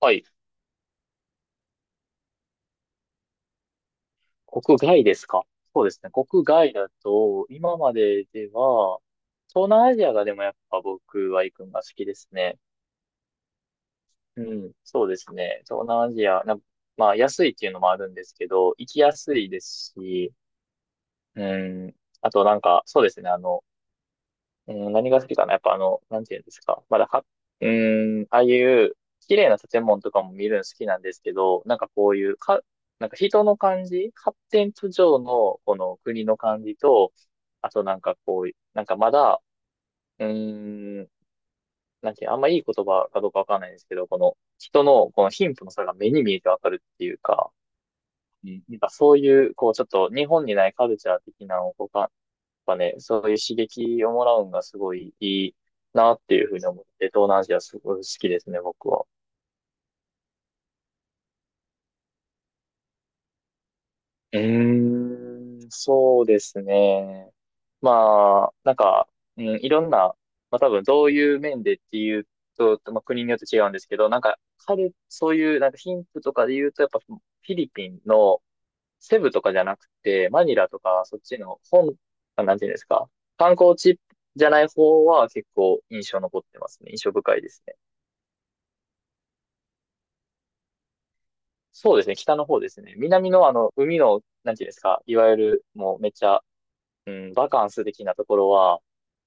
はい。国外ですか？そうですね。国外だと、今まででは、東南アジアがでもやっぱ僕は行くのが好きですね。うん。そうですね。東南アジア、まあ安いっていうのもあるんですけど、行きやすいですし、うん。あとなんか、そうですね。うん、何が好きかなやっぱなんていうんですか。まだは、うーん、ああいう綺麗な建物とかも見るの好きなんですけど、なんかこういう、なんか人の感じ、発展途上のこの国の感じと、あとなんかこう、なんかまだ、うーん、なんていう、あんまいい言葉かどうかわかんないんですけど、この人のこの貧富の差が目に見えてわかるっていうか、うんなんかそういう、こうちょっと日本にないカルチャー的なのをこうかぱね、そういう刺激をもらうんがすごいいいなっていうふうに思って、東南アジアすごい好きですね、僕は。うーん、そうですね。まあ、なんか、うん、いろんな、まあ多分どういう面でっていうと、まあ、国によって違うんですけど、なんか、そういう、なんか貧富とかで言うと、やっぱフィリピンのセブとかじゃなくて、マニラとか、そっちの本、あなんていうんですか、観光地じゃない方は結構印象残ってますね。印象深いですね。そうですね、北の方ですね。南の海の、なんていうんですか、いわゆる、もうめっちゃ、うん、バカンス的なところは、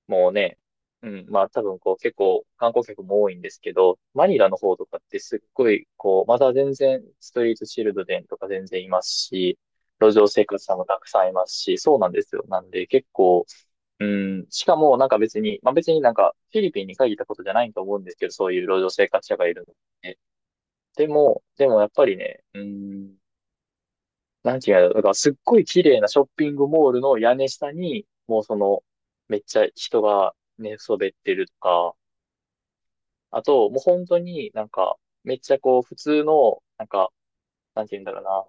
もうね、うん、まあ多分こう結構観光客も多いんですけど、マニラの方とかってすっごい、こう、まだ全然ストリートチルドレンとか全然いますし、路上生活者もたくさんいますし、そうなんですよ。なんで結構、うん、しかもなんか別に、まあ別になんかフィリピンに限ったことじゃないと思うんですけど、そういう路上生活者がいるので。でもやっぱりね、うん、なんていうの、だからすっごい綺麗なショッピングモールの屋根下に、もうその、めっちゃ人が寝そべってるとか、あと、もう本当になんか、めっちゃこう、普通の、なんか、なんていうんだろうな、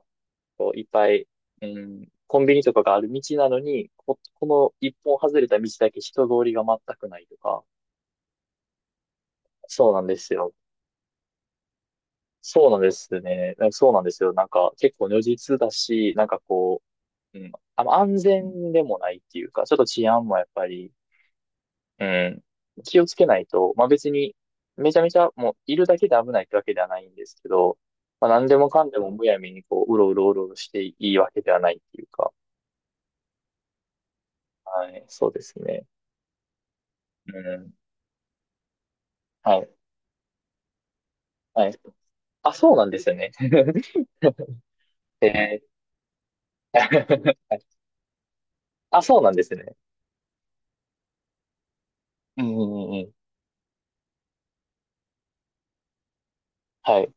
こう、いっぱい、うん、コンビニとかがある道なのに、この一本外れた道だけ人通りが全くないとか、そうなんですよ。そうなんですね。なんかそうなんですよ。なんか、結構如実だし、なんかこう、うん、安全でもないっていうか、ちょっと治安もやっぱり、うん。気をつけないと、まあ別に、めちゃめちゃもういるだけで危ないってわけではないんですけど、まあ何でもかんでもむやみにこう、うろうろうろうろしていいわけではないっていうか、はい、そうですね。うん。はい、はい。あ、そうなんですよね。えー あ、そうなんですね。うんうんうんうん。はい。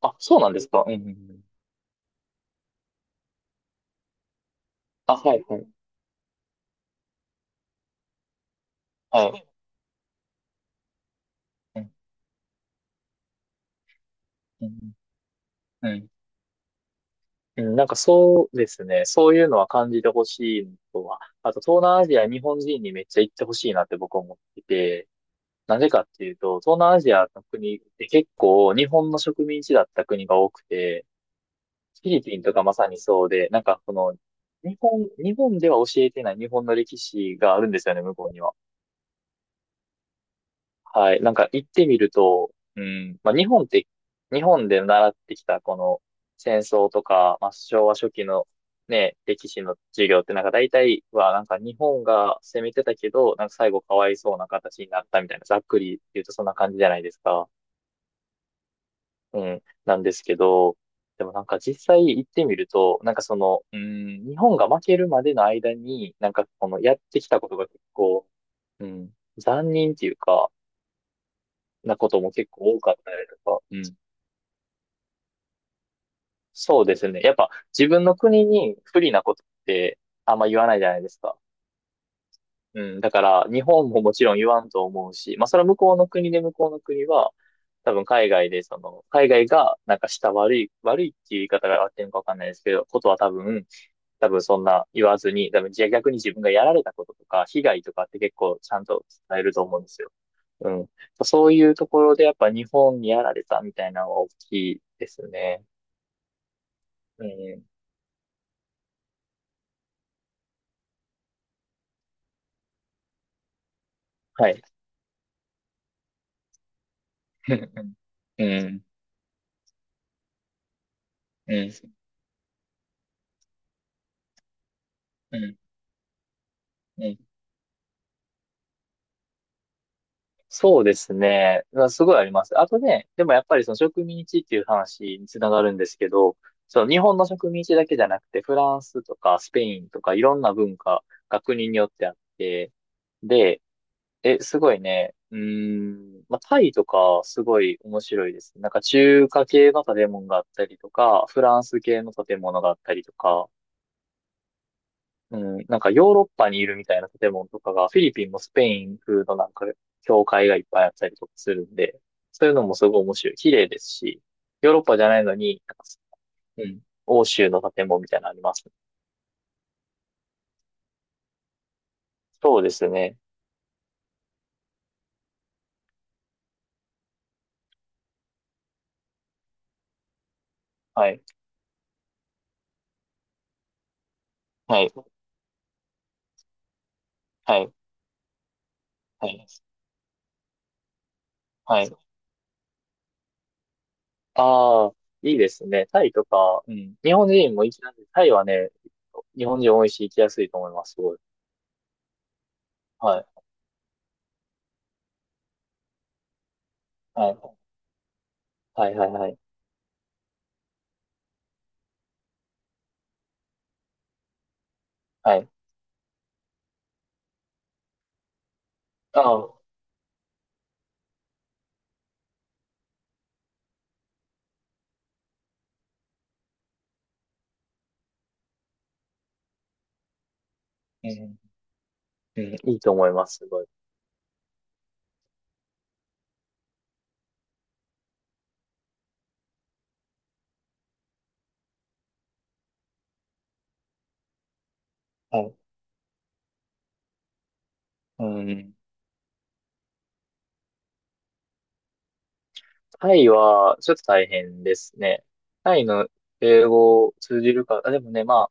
あ、そうなんですか。うんうんうん。あ、はい、はい、はい。うん、うん、うん。うん、なんかそうですね。そういうのは感じてほしいのとは。あと、東南アジア、日本人にめっちゃ行ってほしいなって僕は思ってて、なぜかっていうと、東南アジアの国って結構日本の植民地だった国が多くて、フィリピンとかまさにそうで、なんかこの、日本では教えてない日本の歴史があるんですよね、向こうには。はい。なんか行ってみると、うん、まあ日本って、日本で習ってきたこの戦争とか、まあ昭和初期のね、歴史の授業ってなんか大体はなんか日本が攻めてたけど、なんか最後かわいそうな形になったみたいな、ざっくり言うとそんな感じじゃないですか。うん。なんですけど、でもなんか実際行ってみると、なんかその、うん、日本が負けるまでの間に、なんかこのやってきたことが結構、うん、残忍っていうか、なことも結構多かったりとか、うん。そうですね。やっぱ自分の国に不利なことってあんま言わないじゃないですか。うん。だから日本ももちろん言わんと思うし、まあそれは向こうの国で向こうの国は、多分海外でその、海外がなんかした悪い、悪いっていう言い方が合ってるのかわかんないですけど、ことは多分、そんな言わずに、多分じゃあ逆に自分がやられたこととか、被害とかって結構ちゃんと伝えると思うんですよ。うん。そういうところでやっぱ日本にやられたみたいなのは大きいですね。うん。はい。うん。うん。うん。うんうんそうですね。まあすごいあります。あとね、でもやっぱりその植民地っていう話につながるんですけど、その日本の植民地だけじゃなくて、フランスとかスペインとかいろんな文化が国によってあって、で、すごいね。うーん。まあ、タイとか、すごい面白いです。なんか中華系の建物があったりとか、フランス系の建物があったりとか、うん。なんかヨーロッパにいるみたいな建物とかが、フィリピンもスペイン風のなんか、教会がいっぱいあったりとかするんで、そういうのもすごい面白い。綺麗ですし、ヨーロッパじゃないのに、なんかうん。欧州の建物みたいなのあります。そうですね。はい。はい。はい。はい。はい。ああ、いいですね。タイとか、うん。日本人も行きなんで、タイはね、日本人多いし行きやすいと思います、すごい。はい。はい。はい、はい、はい。はい。ああ、うん。うん、いいと思います、すごい。はい。うん。タイは、ちょっと大変ですね。タイの英語通じるか、あ、でもね、まあ、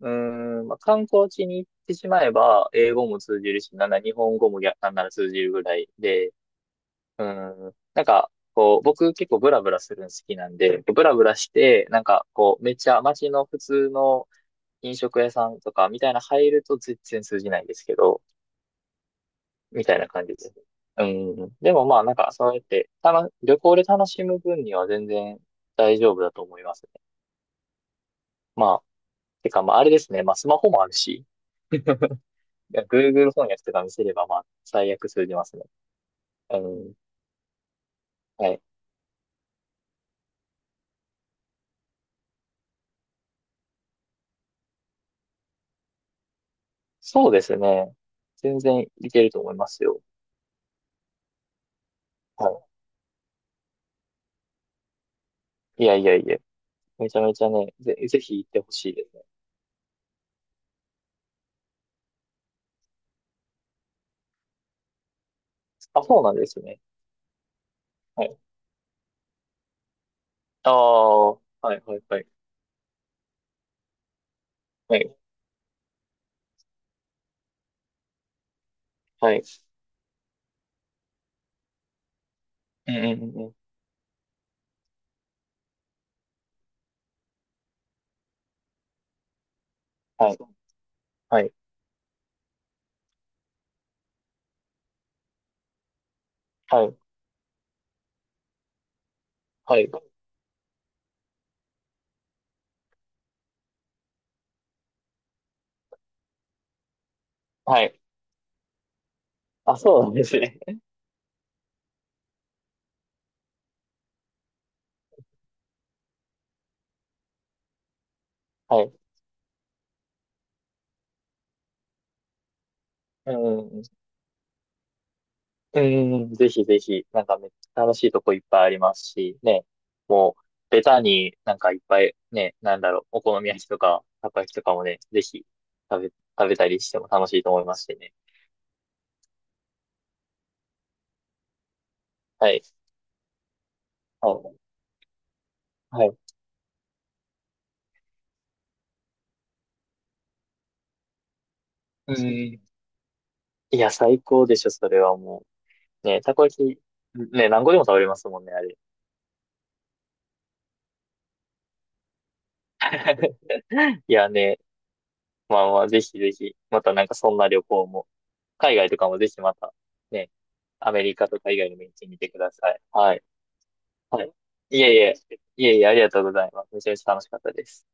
まあ、観光地に行ってしまえば、英語も通じるし、なんなら日本語も逆なんなら通じるぐらいで、うん。なんか、こう、僕結構ブラブラするの好きなんで、ブラブラして、なんか、こう、めっちゃ街の普通の飲食屋さんとかみたいな入ると全然通じないんですけど、みたいな感じです。うん。でもまあ、なんか、そうやって、旅行で楽しむ分には全然大丈夫だと思いますね。まあ、てか、まあ、あれですね。まあ、スマホもあるし、いや Google 翻訳とか見せれば、まあ、最悪通じますね。うん。はい。そうですね。全然いけると思いますよ。はいいやいやいや、めちゃめちゃね、ぜひ行ってほしいですね。あ、そうなんですね。はい。ああ、はいはいはい。はい。はい。うんうんうんうん。はい。はい。はい。はい。はい。あ、そうなんですね。はい。うんうんうん。うんうん、ぜひぜひ、なんかめっちゃ楽しいとこいっぱいありますし、ね、もう、ベタになんかいっぱい、ね、なんだろう、お好み焼きとか、たこ焼きとかもね、ぜひ食べ、食べたりしても楽しいと思いますしね。はい。はい。はい。うん。いや、最高でしょ、それはもう。ね、たこ焼き、ね、何個でも食べれますもんね、あれ。いやね、まあまあ、ぜひぜひ、またなんかそんな旅行も、海外とかもぜひまた、ね、アメリカとか以外にも行ってみてください。はい。はい。いえいえ、いえいえ、ありがとうございます。めちゃめちゃ楽しかったです。